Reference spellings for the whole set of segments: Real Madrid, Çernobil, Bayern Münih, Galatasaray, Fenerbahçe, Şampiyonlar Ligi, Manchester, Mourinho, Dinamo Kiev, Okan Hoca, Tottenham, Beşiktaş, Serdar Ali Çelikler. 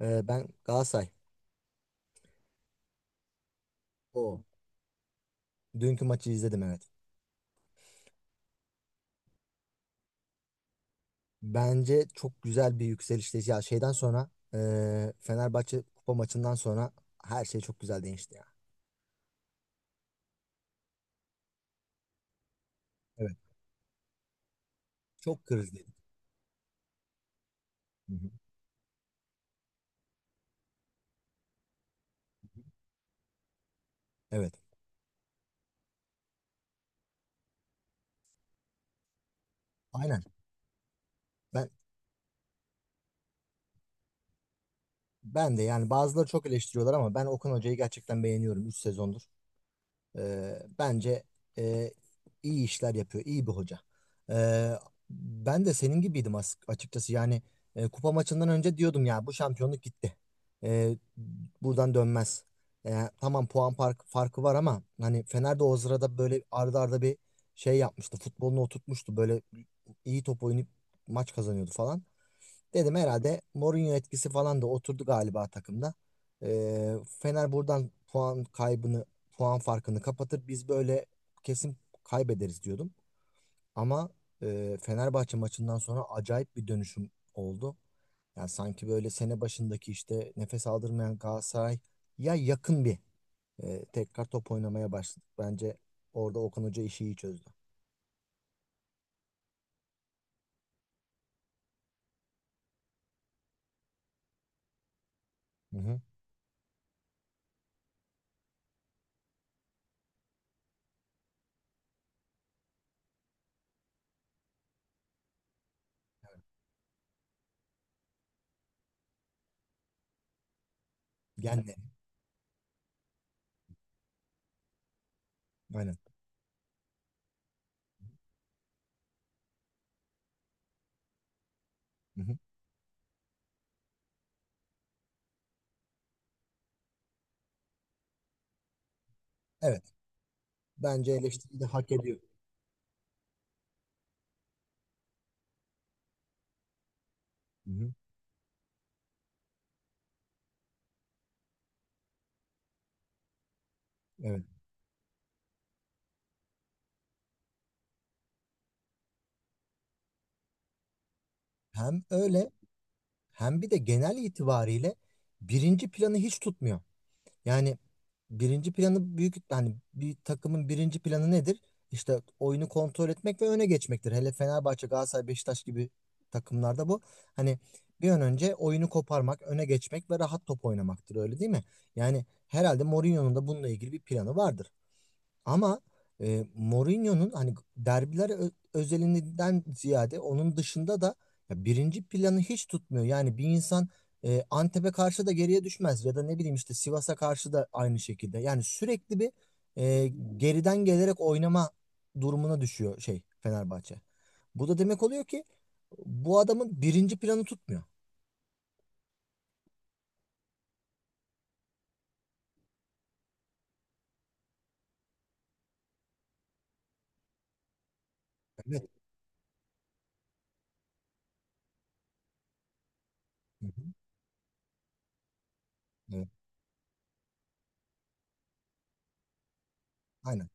Ben Galatasaray. O. Dünkü maçı izledim, evet. Bence çok güzel bir yükselişte. Ya, şeyden sonra Fenerbahçe kupa maçından sonra her şey çok güzel değişti ya. Evet. Çok krizliydi. Hı hı. Evet. Aynen. Ben ben de, yani bazıları çok eleştiriyorlar ama ben Okan Hoca'yı gerçekten beğeniyorum 3 sezondur. Bence e, iyi işler yapıyor, iyi bir hoca. Ee, ben de senin gibiydim açıkçası. Yani kupa maçından önce diyordum ya bu şampiyonluk gitti. Ee, buradan dönmez. Tamam, puan farkı var ama hani Fener de o sırada böyle ardı arda bir şey yapmıştı. Futbolunu oturtmuştu. Böyle iyi top oynayıp maç kazanıyordu falan. Dedim herhalde Mourinho etkisi falan da oturdu galiba takımda. Fener buradan puan kaybını, puan farkını kapatır. Biz böyle kesin kaybederiz diyordum. Ama Fenerbahçe maçından sonra acayip bir dönüşüm oldu. Yani sanki böyle sene başındaki işte nefes aldırmayan Galatasaray ya yakın bir tekrar top oynamaya başladık. Bence orada Okan Hoca işi iyi çözdü. Hı hı. Genleri. Aynen. Hı hı. Evet. Bence eleştiri de hak ediyor. Hı hı. Evet. Hem öyle, hem bir de genel itibariyle birinci planı hiç tutmuyor. Yani birinci planı büyük, hani bir takımın birinci planı nedir? İşte oyunu kontrol etmek ve öne geçmektir. Hele Fenerbahçe, Galatasaray, Beşiktaş gibi takımlarda bu. Hani bir an önce oyunu koparmak, öne geçmek ve rahat top oynamaktır, öyle değil mi? Yani herhalde Mourinho'nun da bununla ilgili bir planı vardır. Ama Mourinho'nun hani derbiler özelinden ziyade onun dışında da ya birinci planı hiç tutmuyor. Yani bir insan Antep'e karşı da geriye düşmez ya da ne bileyim işte Sivas'a karşı da aynı şekilde. Yani sürekli bir e, geriden gelerek oynama durumuna düşüyor şey Fenerbahçe. Bu da demek oluyor ki bu adamın birinci planı tutmuyor. Evet. Hı hı. Evet. Aynen.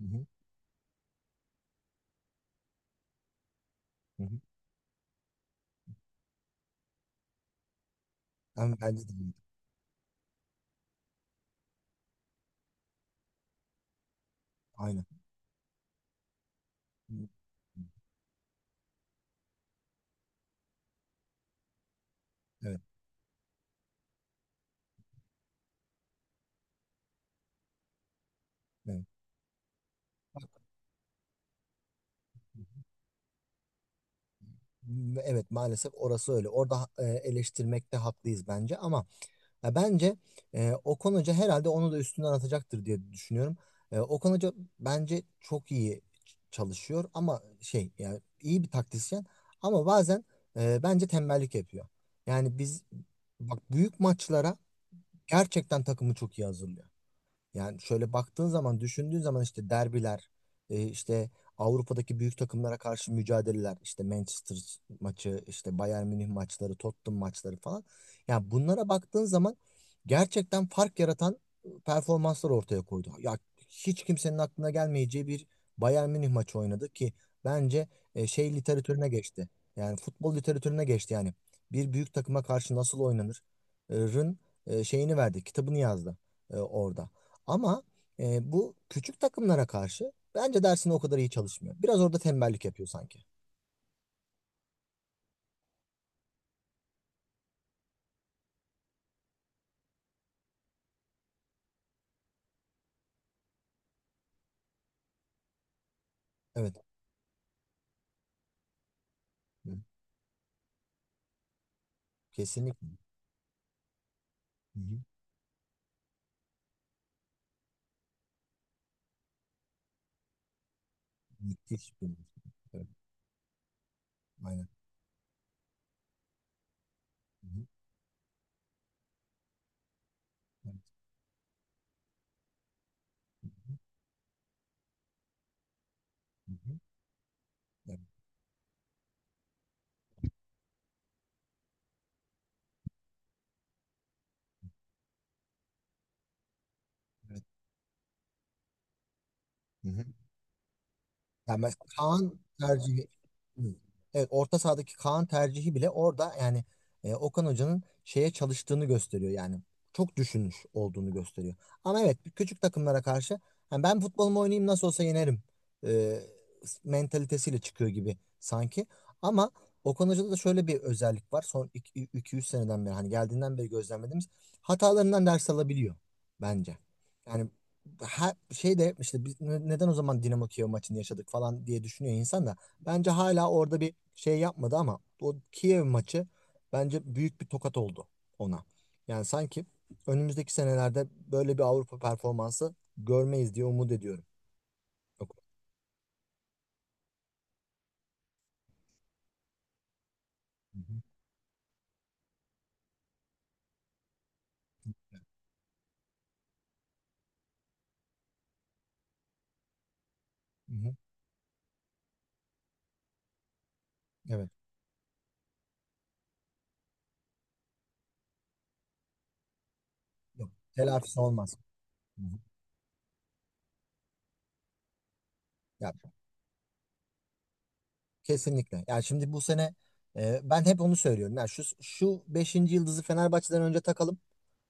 Hı hı. Hı hı. Bence de. Aynen. Hı. Evet. Evet. Evet, maalesef orası öyle. Orada eleştirmekte haklıyız bence ama ya bence Okan Hoca herhalde onu da üstünden atacaktır diye düşünüyorum. Okan Hoca bence çok iyi çalışıyor ama şey yani iyi bir taktisyen, ama bazen bence tembellik yapıyor. Yani biz, bak, büyük maçlara gerçekten takımı çok iyi hazırlıyor. Yani şöyle baktığın zaman, düşündüğün zaman, işte derbiler, işte Avrupa'daki büyük takımlara karşı mücadeleler, işte Manchester maçı, işte Bayern Münih maçları, Tottenham maçları falan. Yani bunlara baktığın zaman gerçekten fark yaratan performanslar ortaya koydu. Ya, hiç kimsenin aklına gelmeyeceği bir Bayern Münih maçı oynadı ki bence şey literatürüne geçti. Yani futbol literatürüne geçti yani. Bir büyük takıma karşı nasıl oynanır? Rın şeyini verdi, kitabını yazdı orada. Ama bu küçük takımlara karşı bence dersini o kadar iyi çalışmıyor. Biraz orada tembellik yapıyor sanki. Evet. Hı. Kesinlikle. Hı hı. Müthiş bir- Evet. Aynen. Hı hı. Evet. Hı hı. Evet. Evet. Hı hı. Yani mesela Kaan tercihi. Hı. Evet, orta sahadaki Kaan tercihi bile orada yani Okan Hoca'nın şeye çalıştığını gösteriyor yani çok düşünmüş olduğunu gösteriyor. Ama evet, küçük takımlara karşı yani ben futbolumu oynayayım nasıl olsa yenerim e, mentalitesiyle çıkıyor gibi sanki. Ama Okan Hoca'da da şöyle bir özellik var, son 200 seneden beri hani geldiğinden beri gözlemlediğimiz hatalarından ders alabiliyor bence. Yani her şey de işte biz neden o zaman Dinamo Kiev maçını yaşadık falan diye düşünüyor insan da bence hala orada bir şey yapmadı ama o Kiev maçı bence büyük bir tokat oldu ona. Yani sanki önümüzdeki senelerde böyle bir Avrupa performansı görmeyiz diye umut ediyorum. Yok. Hı hı. Hı hı. Evet. Yok. Telafisi olmaz. Hı hı. Ya, kesinlikle. Yani şimdi bu sene ben hep onu söylüyorum. Yani şu 5. yıldızı Fenerbahçe'den önce takalım.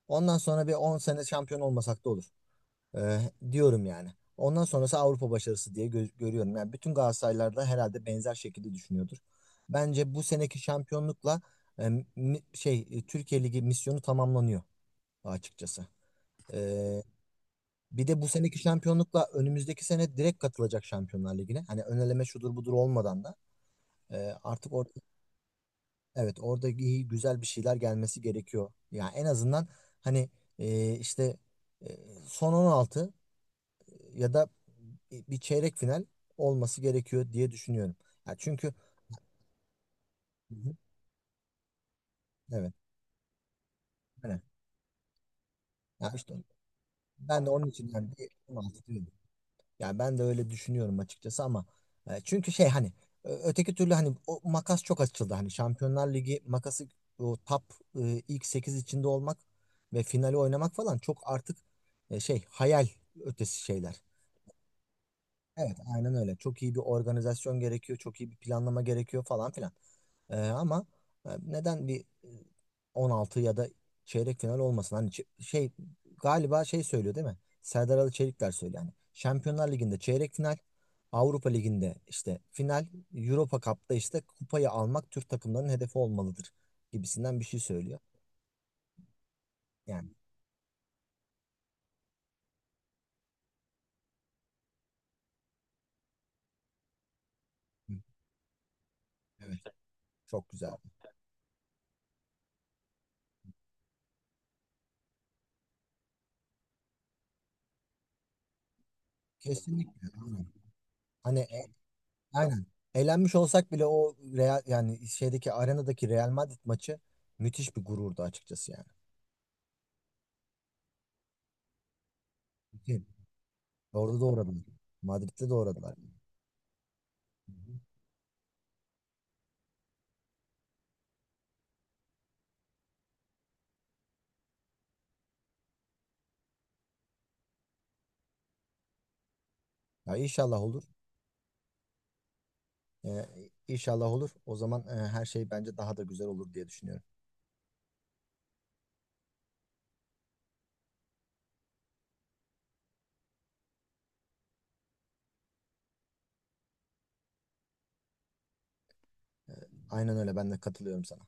Ondan sonra bir 10 sene şampiyon olmasak da olur. Diyorum yani. Ondan sonrası Avrupa başarısı diye görüyorum. Yani bütün Galatasaraylılar da herhalde benzer şekilde düşünüyordur. Bence bu seneki şampiyonlukla e, şey Türkiye Ligi misyonu tamamlanıyor açıkçası. Ee, bir de bu seneki şampiyonlukla önümüzdeki sene direkt katılacak Şampiyonlar Ligi'ne. Hani öneleme şudur budur olmadan da artık orada, evet, orada iyi güzel bir şeyler gelmesi gerekiyor. Yani en azından hani işte e, son 16 ya da bir çeyrek final olması gerekiyor diye düşünüyorum. Ya çünkü... Hı hı. Evet. Aynen. Ya işte ben de onun için yani bir 16 diyorum. Yani ben de öyle düşünüyorum açıkçası ama çünkü şey hani öteki türlü hani o makas çok açıldı. Hani Şampiyonlar Ligi makası, o top ilk 8 içinde olmak ve finali oynamak falan çok artık şey hayal ötesi şeyler. Evet, aynen öyle. Çok iyi bir organizasyon gerekiyor, çok iyi bir planlama gerekiyor falan filan. Ama neden bir 16 ya da çeyrek final olmasın? Hani şey galiba şey söylüyor değil mi? Serdar Ali Çelikler söylüyor yani. Şampiyonlar Ligi'nde çeyrek final, Avrupa Ligi'nde işte final, Europa Cup'ta işte kupayı almak Türk takımlarının hedefi olmalıdır gibisinden bir şey söylüyor. Yani, hı, evet, çok güzel. Kesinlikle. Aynen. Hani. Aynen. Eğlenmiş olsak bile o Real yani şeydeki arenadaki Real Madrid maçı müthiş bir gururdu açıkçası yani. Değil. Orada da uğradılar. Madrid'de de uğradılar. Hı hı. Ya, inşallah olur. Ee, inşallah olur. O zaman her şey bence daha da güzel olur diye düşünüyorum. Ee, aynen öyle, ben de katılıyorum sana.